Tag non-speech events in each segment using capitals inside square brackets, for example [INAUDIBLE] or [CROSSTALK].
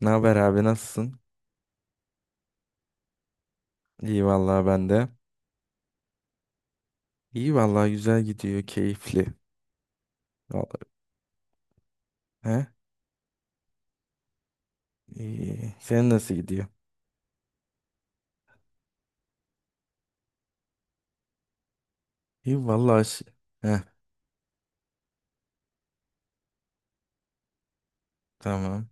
Ne haber abi, nasılsın? İyi vallahi, ben de. İyi vallahi, güzel gidiyor, keyifli. Vallahi. He? İyi. Senin nasıl gidiyor? İyi vallahi. Heh, tamam.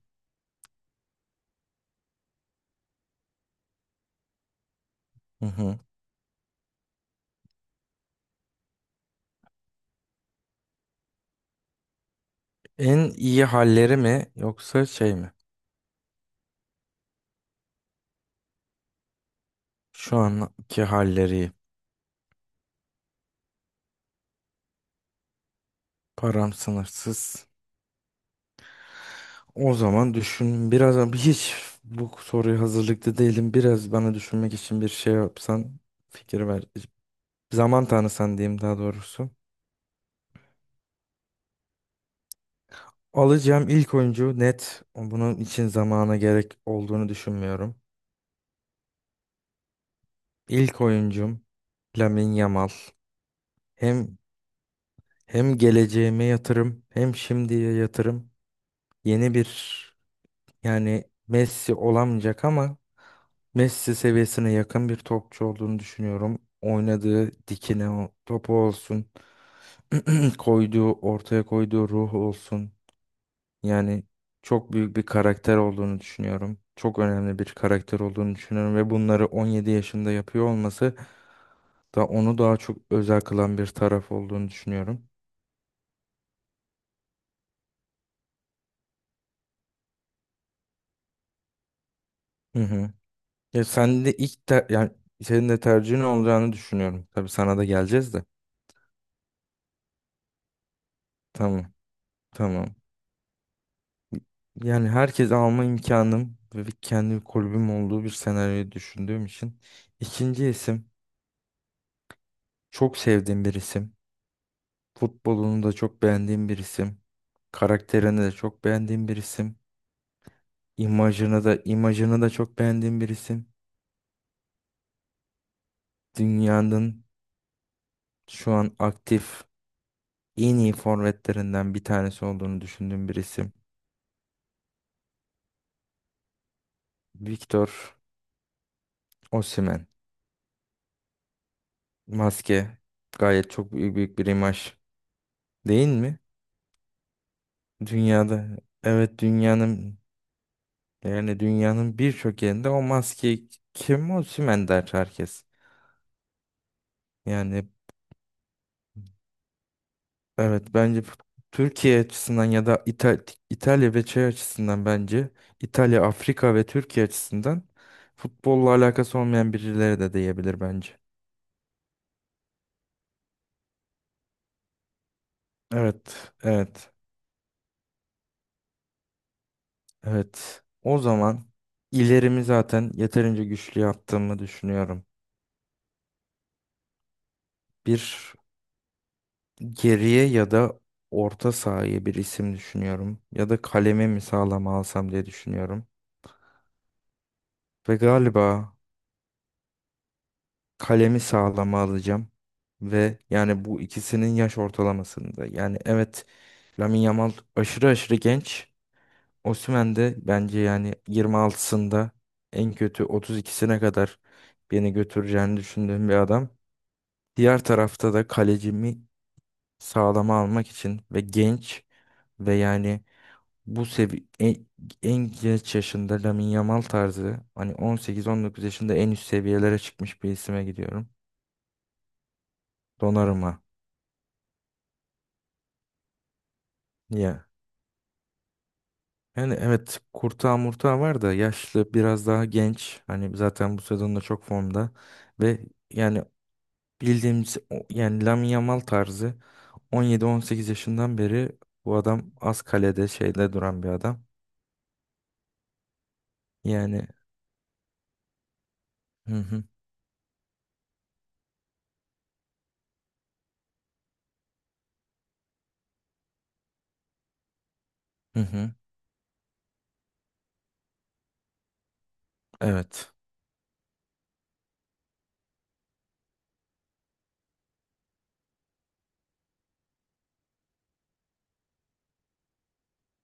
Hı hı. En iyi halleri mi yoksa şey mi? Şu anki halleri. Param sınırsız. O zaman düşün biraz, ama hiç bu soruya hazırlıklı değilim. Biraz bana düşünmek için bir şey yapsan fikir ver. Zaman tanısan diyeyim, daha doğrusu. Alacağım ilk oyuncu net. Bunun için zamana gerek olduğunu düşünmüyorum. İlk oyuncum Lamine Yamal. Hem hem geleceğime yatırım, hem şimdiye yatırım. Yeni bir, yani Messi olamayacak ama Messi seviyesine yakın bir topçu olduğunu düşünüyorum. Oynadığı dikine o topu olsun, [CLEARS THROAT] ortaya koyduğu ruhu olsun. Yani çok büyük bir karakter olduğunu düşünüyorum. Çok önemli bir karakter olduğunu düşünüyorum ve bunları 17 yaşında yapıyor olması da onu daha çok özel kılan bir taraf olduğunu düşünüyorum. Hı hı. Ya sen de yani senin de tercihin olacağını düşünüyorum. Tabii sana da geleceğiz de. Tamam. Tamam. Yani herkes alma imkanım ve bir kendi kulübüm olduğu bir senaryoyu düşündüğüm için. İkinci isim çok sevdiğim bir isim. Futbolunu da çok beğendiğim bir isim. Karakterini de çok beğendiğim bir isim. İmajını da çok beğendiğim bir isim. Dünyanın şu an aktif en iyi forvetlerinden bir tanesi olduğunu düşündüğüm bir isim. Victor Osimhen. Maske gayet çok büyük, büyük bir imaj, değil mi? Dünyada evet, yani dünyanın birçok yerinde o maske, kim Osimhen der herkes. Yani evet, bence Türkiye açısından ya da İtalya ve şey açısından bence İtalya, Afrika ve Türkiye açısından futbolla alakası olmayan birileri de diyebilir bence. Evet, evet, evet. O zaman ilerimi zaten yeterince güçlü yaptığımı düşünüyorum. Bir geriye ya da orta sahaya bir isim düşünüyorum. Ya da kalemi mi sağlam alsam diye düşünüyorum. Ve galiba kalemi sağlama alacağım. Ve yani bu ikisinin yaş ortalamasında. Yani evet, Lamine Yamal aşırı aşırı genç. Osimhen de bence yani 26'sında en kötü 32'sine kadar beni götüreceğini düşündüğüm bir adam. Diğer tarafta da kalecimi sağlama almak için ve genç ve yani bu sevi en genç yaşında, Lamine Yamal tarzı, hani 18-19 yaşında en üst seviyelere çıkmış bir isime gidiyorum. Donnarumma. Ya. Yani evet, Kurtağı Murtağı var da yaşlı, biraz daha genç. Hani zaten bu sezonda çok formda. Ve yani bildiğimiz yani Lamine Yamal tarzı 17-18 yaşından beri bu adam az kalede şeyde duran bir adam. Yani, hı hı, hı hı, evet,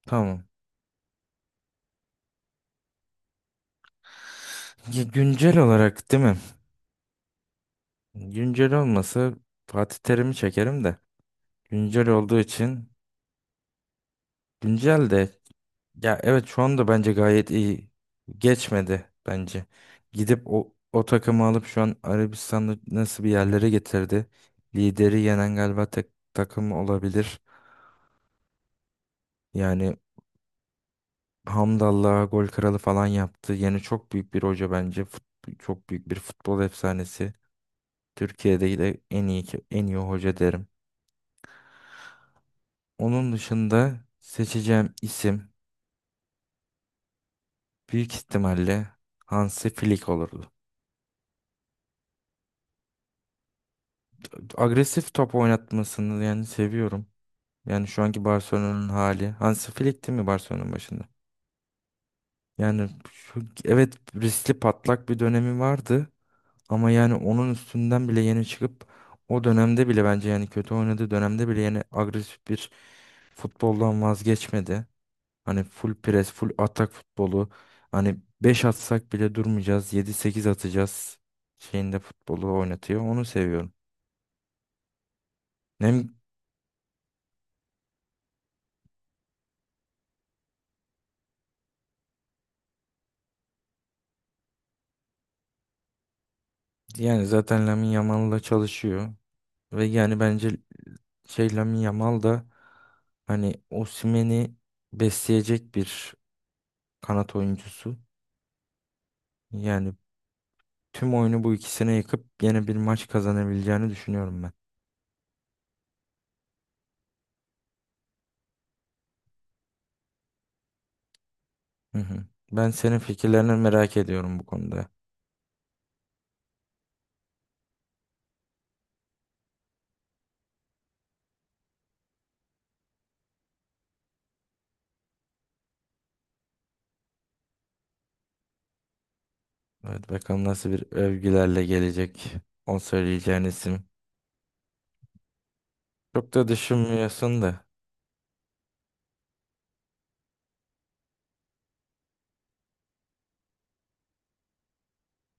tamam. Ya, güncel olarak değil mi? Güncel olmasa Fatih Terim'i çekerim de. Güncel olduğu için, güncel de. Ya evet, şu anda bence gayet iyi. Geçmedi bence. Gidip o takımı alıp şu an Arabistan'ı nasıl bir yerlere getirdi. Lideri yenen galiba tek takım olabilir. Yani Hamdallah'a gol kralı falan yaptı. Yani çok büyük bir hoca bence. Çok büyük bir futbol efsanesi. Türkiye'de de en iyi hoca derim. Onun dışında seçeceğim isim büyük ihtimalle Hansi Flick olurdu. Agresif top oynatmasını yani seviyorum. Yani şu anki Barcelona'nın hali. Hansi Flick değil mi Barcelona'nın başında? Yani evet, riskli patlak bir dönemi vardı. Ama yani onun üstünden bile yeni çıkıp, o dönemde bile, bence yani kötü oynadığı dönemde bile, yani agresif bir futboldan vazgeçmedi. Hani full pres, full atak futbolu. Hani 5 atsak bile durmayacağız, yedi sekiz atacağız şeyinde futbolu oynatıyor. Onu seviyorum. Hem yani zaten Lamine Yamal'la çalışıyor. Ve yani bence şey Lamine Yamal da hani Osimhen'i besleyecek bir kanat oyuncusu. Yani tüm oyunu bu ikisine yıkıp yine bir maç kazanabileceğini düşünüyorum ben. Hı hı. Ben senin fikirlerini merak ediyorum bu konuda. Evet, bakalım nasıl bir övgülerle gelecek o söyleyeceğin isim. Çok da düşünmüyorsun da.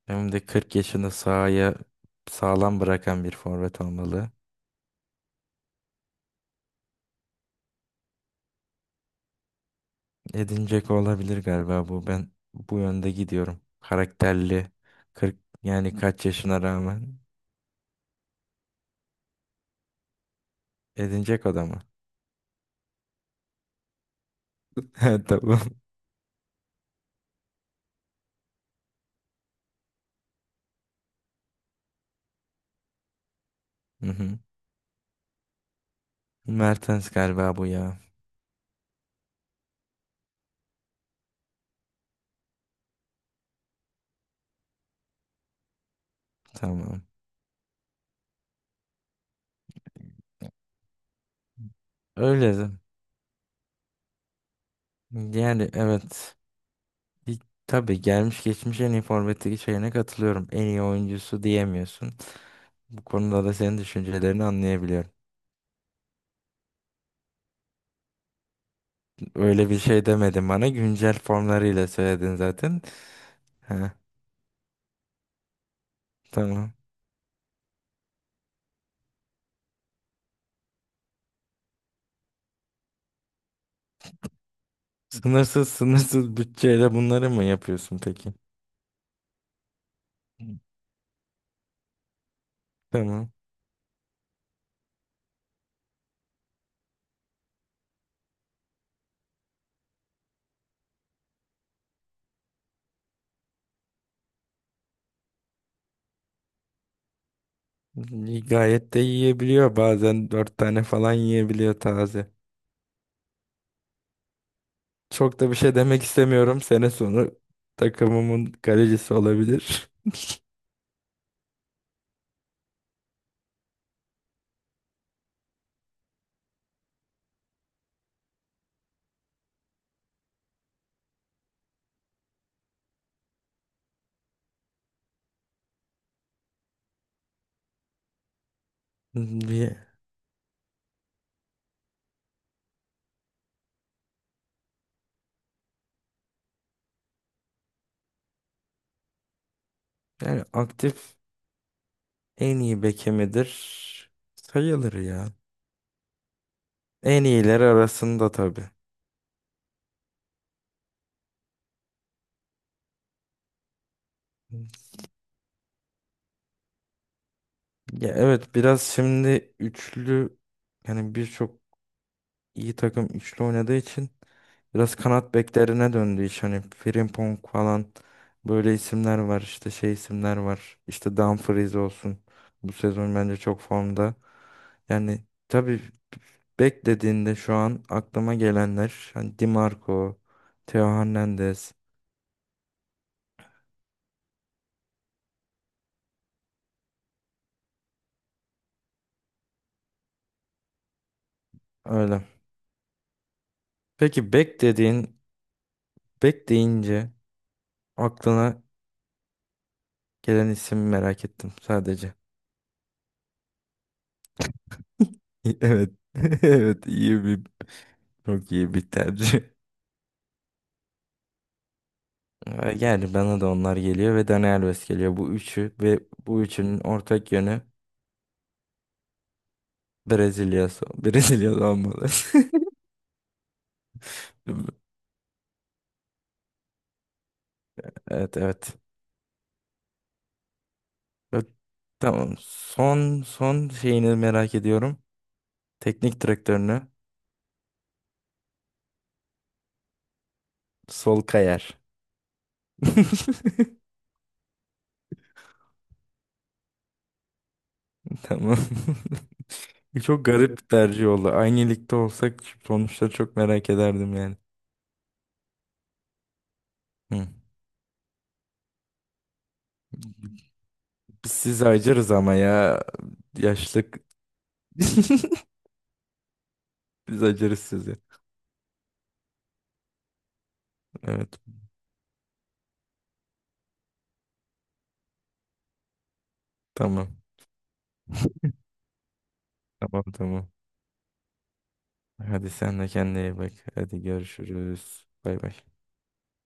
Hem de 40 yaşında sahaya sağlam bırakan bir forvet olmalı. Edin olabilir galiba bu. Ben bu yönde gidiyorum. Karakterli. 40, yani kaç yaşına rağmen. Edin Dzeko da mı? [LAUGHS] Ha, tamam. Hı hı. Mertens galiba bu ya. Tamam. Öyle de. Yani evet. Bir, tabii gelmiş geçmiş en iyi forvetteki şeyine katılıyorum. En iyi oyuncusu diyemiyorsun. Bu konuda da senin düşüncelerini anlayabiliyorum. Öyle bir şey demedim bana. Güncel formlarıyla söyledin zaten. Ha, tamam. Sınırsız sınırsız bütçeyle bunları mı yapıyorsun peki? Tamam. İyi, gayet de yiyebiliyor. Bazen dört tane falan yiyebiliyor taze. Çok da bir şey demek istemiyorum. Sene sonu takımımın kalecisi olabilir. [LAUGHS] Bir- Yani aktif en iyi beke midir? Sayılır ya. En iyiler arasında tabii. Ya evet, biraz şimdi üçlü, yani birçok iyi takım üçlü oynadığı için biraz kanat beklerine döndü iş. Hani Frimpong falan böyle isimler var, işte şey isimler var. İşte Dumfries olsun. Bu sezon bence çok formda. Yani tabii beklediğinde şu an aklıma gelenler hani Di Marco, Theo Hernandez, öyle. Peki bek deyince aklına gelen isim merak ettim sadece. [LAUGHS] Evet. [LAUGHS] Evet, iyi bir çok iyi bir tercih. Yani bana da onlar geliyor ve Dani Alves geliyor. Bu üçü ve bu üçünün ortak yönü Brezilya. Brezilya olmalı. [LAUGHS] Evet, evet. Ö- Tamam. Son şeyini merak ediyorum. Teknik direktörünü. Sol Kayer. [LAUGHS] Tamam. [LAUGHS] Çok garip bir tercih oldu. Aynı ligde olsak sonuçları çok merak ederdim yani. Hı. Siz acırız ama ya, yaşlık. [LAUGHS] Biz acırız sizi. Evet. Tamam. [LAUGHS] Tamam, tamam. Hadi sen de kendine iyi bak. Hadi görüşürüz. Bay bay.